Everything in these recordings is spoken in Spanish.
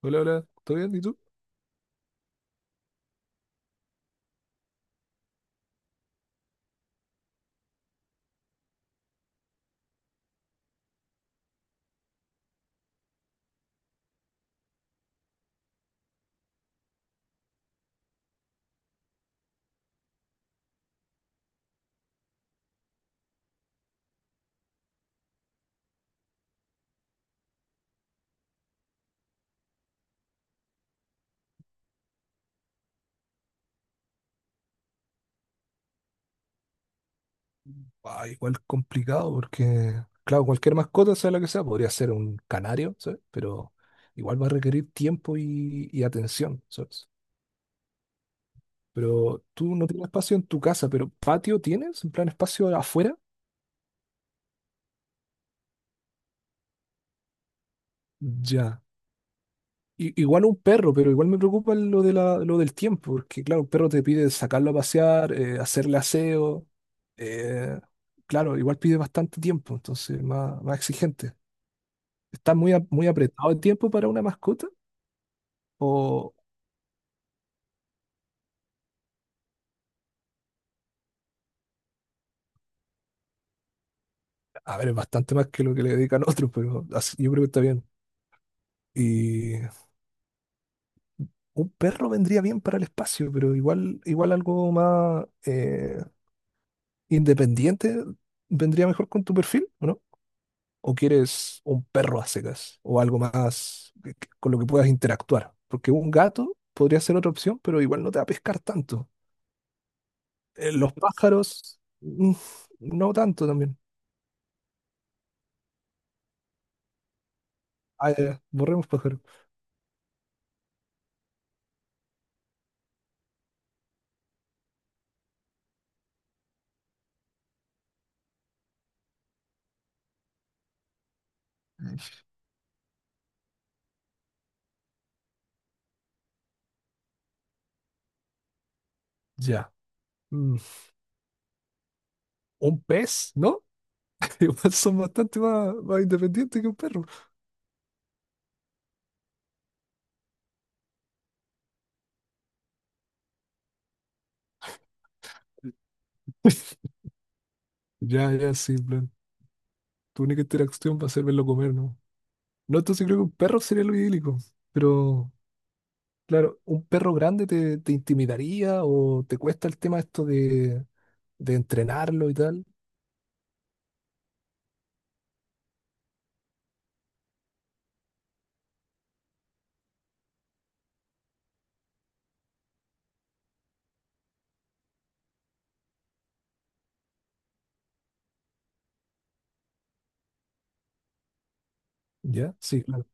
Hola, hola, ¿todo bien? ¿Y tú? Ah, igual complicado porque, claro, cualquier mascota, sea la que sea, podría ser un canario, ¿sabes? Pero igual va a requerir tiempo y atención, ¿sabes? Pero tú no tienes espacio en tu casa, pero ¿patio tienes? ¿En plan espacio afuera? Ya. Igual un perro, pero igual me preocupa lo de lo del tiempo, porque claro, un perro te pide sacarlo a pasear, hacerle aseo, eh, claro, igual pide bastante tiempo, entonces más exigente. Está muy apretado el tiempo para una mascota. O, a ver, es bastante más que lo que le dedican otros, pero yo creo que está bien. Y un perro vendría bien para el espacio, pero igual algo más independiente vendría mejor con tu perfil, ¿o ¿no? ¿O quieres un perro a secas o algo más con lo que puedas interactuar? Porque un gato podría ser otra opción, pero igual no te va a pescar tanto. Los pájaros, no tanto también. Ah, ya, ya, borremos pájaros. Ya. Mm, un pez, ¿no? Igual son bastante más independientes que un perro. Ya, ya, sí, en plan. Tu única interacción va a ser verlo comer, ¿no? No, entonces creo que un perro sería lo idílico. Pero, claro, ¿un perro grande te intimidaría o te cuesta el tema de entrenarlo y tal? ¿Ya? Sí, claro.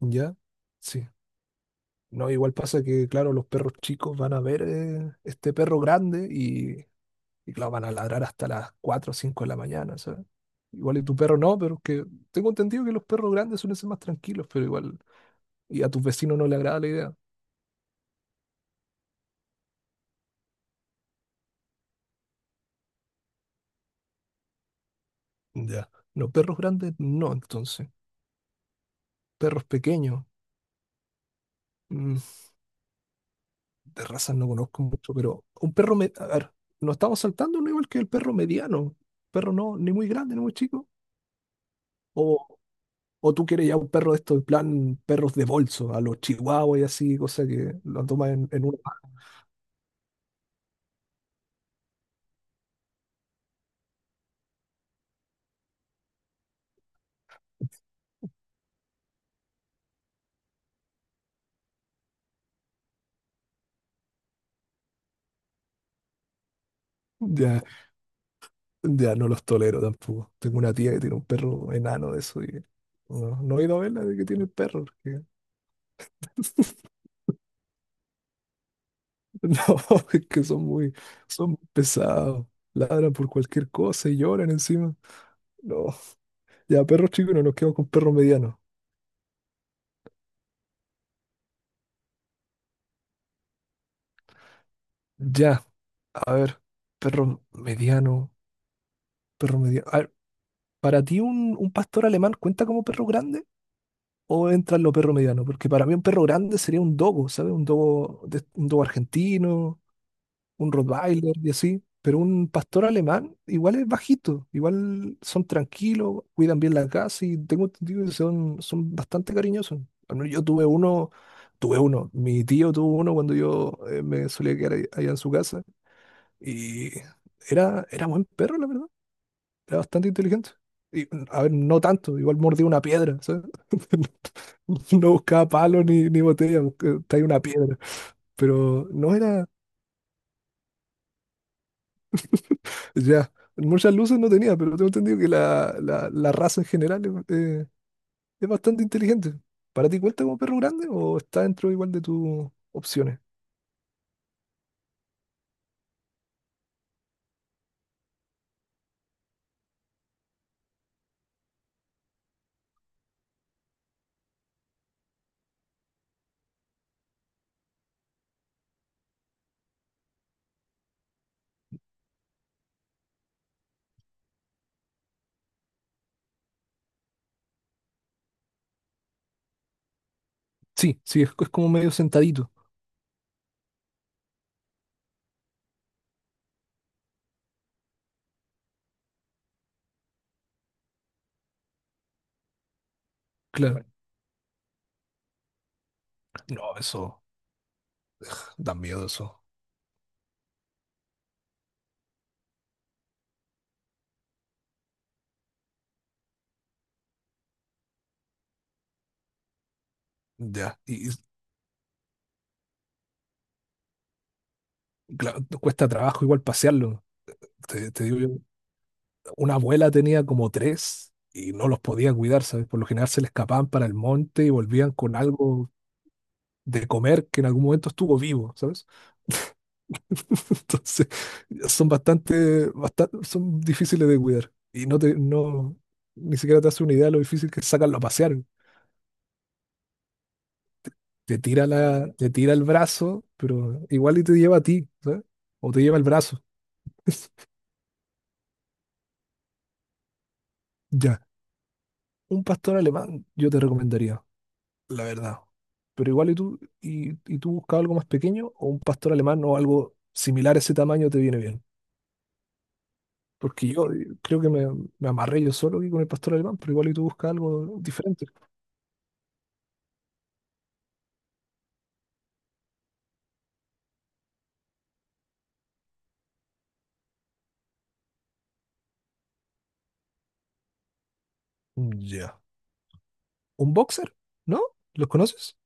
¿Ya? Sí. No, igual pasa que, claro, los perros chicos van a ver este perro grande y claro, van a ladrar hasta las 4 o 5 de la mañana. Igual y tu perro no, pero es que tengo entendido que los perros grandes suelen ser más tranquilos, pero igual, y a tus vecinos no le agrada la idea. Ya. Los perros grandes no, entonces. Perros pequeños, mm, de razas no conozco mucho, pero un perro, a ver, nos estamos saltando no igual que el perro mediano. Perro no, ni muy grande, ni muy chico. O, o tú quieres ya un perro de estos, en plan, perros de bolso, a los chihuahuas y así, cosa que lo tomas en una. Ya. Ya no los tolero tampoco. Tengo una tía que tiene un perro enano de eso y no, no he ido a verla de que tiene el perro. No, es que son muy pesados. Ladran por cualquier cosa y lloran encima. No, ya perros chicos no nos quedamos con perros medianos. Ya, a ver, perro mediano, perro mediano. A ver, ¿para ti un pastor alemán cuenta como perro grande o entra en lo perro mediano? Porque para mí un perro grande sería un dogo, ¿sabes? Un dogo, un dogo argentino, un Rottweiler y así, pero un pastor alemán igual es bajito, igual son tranquilos, cuidan bien la casa y tengo entendido que son bastante cariñosos. Al menos yo tuve uno, mi tío tuvo uno cuando yo me solía quedar allá en su casa y era, era buen perro, la verdad, era bastante inteligente. Y, a ver, no tanto, igual mordía una piedra, ¿sabes? No buscaba palo ni botella, traía una piedra. Pero no era, Ya, muchas luces no tenía, pero tengo entendido que la raza en general es, eh, es bastante inteligente. ¿Para ti cuenta como perro grande o está dentro igual de tus opciones? Sí, sí, es como medio sentadito. Claro. No, eso da miedo eso. Ya, claro, cuesta trabajo igual pasearlo. Te digo yo, una abuela tenía como tres y no los podía cuidar, ¿sabes? Por lo general se le escapaban para el monte y volvían con algo de comer que en algún momento estuvo vivo, ¿sabes? Entonces, son bastante, son difíciles de cuidar. Y no ni siquiera te hace una idea de lo difícil que es sacarlo a pasear. Te tira te tira el brazo, pero igual y te lleva a ti, ¿sabes? O te lleva el brazo. Ya. Un pastor alemán yo te recomendaría, la verdad. Pero igual y y tú buscas algo más pequeño, o un pastor alemán o algo similar a ese tamaño te viene bien. Porque yo creo que me amarré yo solo aquí con el pastor alemán, pero igual y tú buscas algo diferente. Ya. Un boxer, ¿no? ¿Los conoces?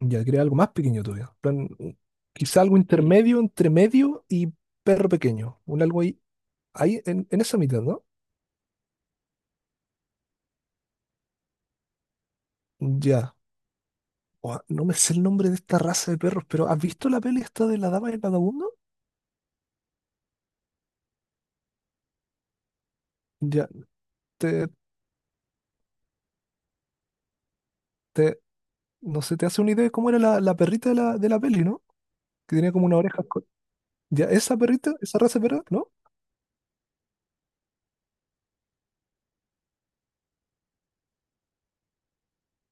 Ya quería algo más pequeño todavía. Quizá algo intermedio, entre medio y perro pequeño. Un algo ahí, ahí en esa mitad, ¿no? Ya. Ua, no me sé el nombre de esta raza de perros, pero ¿has visto la peli esta de la dama y el vagabundo? Ya, te, te, no sé, te hace una idea de cómo era la perrita de de la peli, ¿no? Que tenía como una oreja. Ya, esa perrita, esa raza de perro, ¿no?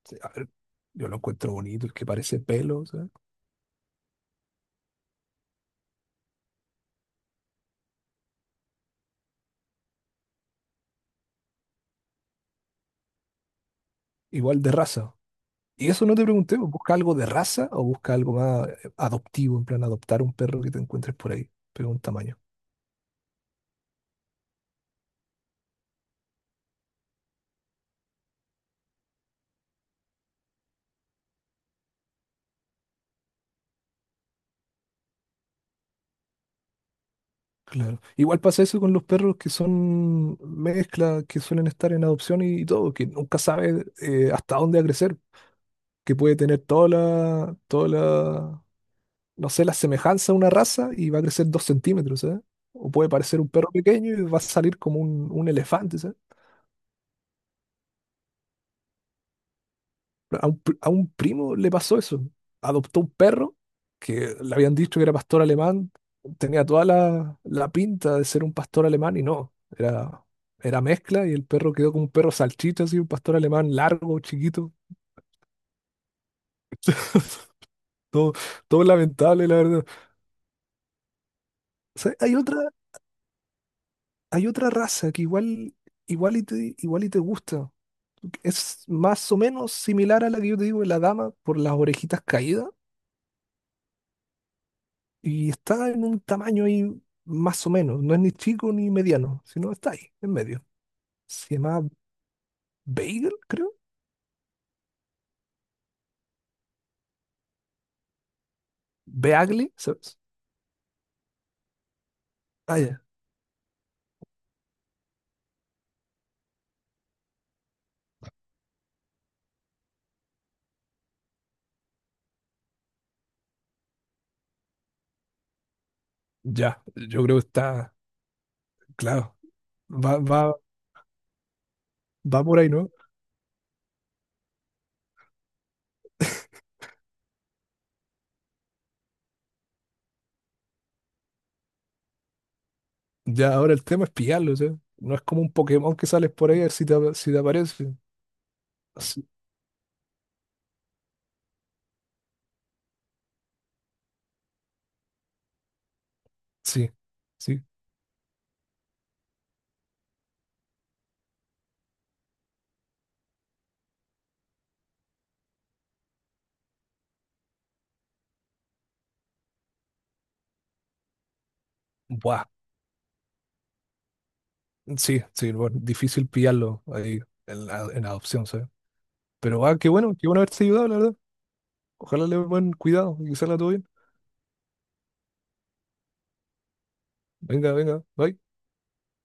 Sí, a ver, yo lo encuentro bonito, el que parece pelo, o sea, igual de raza. Y eso no te pregunté, pues, ¿busca algo de raza o busca algo más adoptivo, en plan adoptar un perro que te encuentres por ahí? Pero un tamaño, claro. Igual pasa eso con los perros que son mezclas, que suelen estar en adopción y, todo, que nunca sabes hasta dónde va a crecer, que puede tener toda toda la, no sé, la semejanza a una raza y va a crecer 2 centímetros, ¿sabes? O puede parecer un perro pequeño y va a salir como un elefante, ¿sabes? A un, a un primo le pasó eso. Adoptó un perro que le habían dicho que era pastor alemán. Tenía toda la pinta de ser un pastor alemán y no. Era, era mezcla y el perro quedó como un perro salchicha, así, un pastor alemán largo, chiquito. Todo, todo lamentable, la verdad. O sea, hay otra raza que igual, igual y igual y te gusta. Es más o menos similar a la que yo te digo de la dama por las orejitas caídas. Y está en un tamaño ahí más o menos. No es ni chico ni mediano, sino está ahí, en medio. Se llama Bagel, creo. Beagle, ¿sabes? Ah, ya. Ya, yo creo que está, claro. Va, va, va por ahí, ¿no? Ya, ahora el tema es pillarlo, ¿sabes? No es como un Pokémon que sales por ahí a ver si si te aparece. Sí, sí, sí. Buah. Sí, sí, bueno, difícil pillarlo ahí en adopción, ¿sabes? Pero ah, qué bueno haberte ayudado, la verdad. Ojalá le den buen cuidado y que salga todo bien. Venga, venga, bye.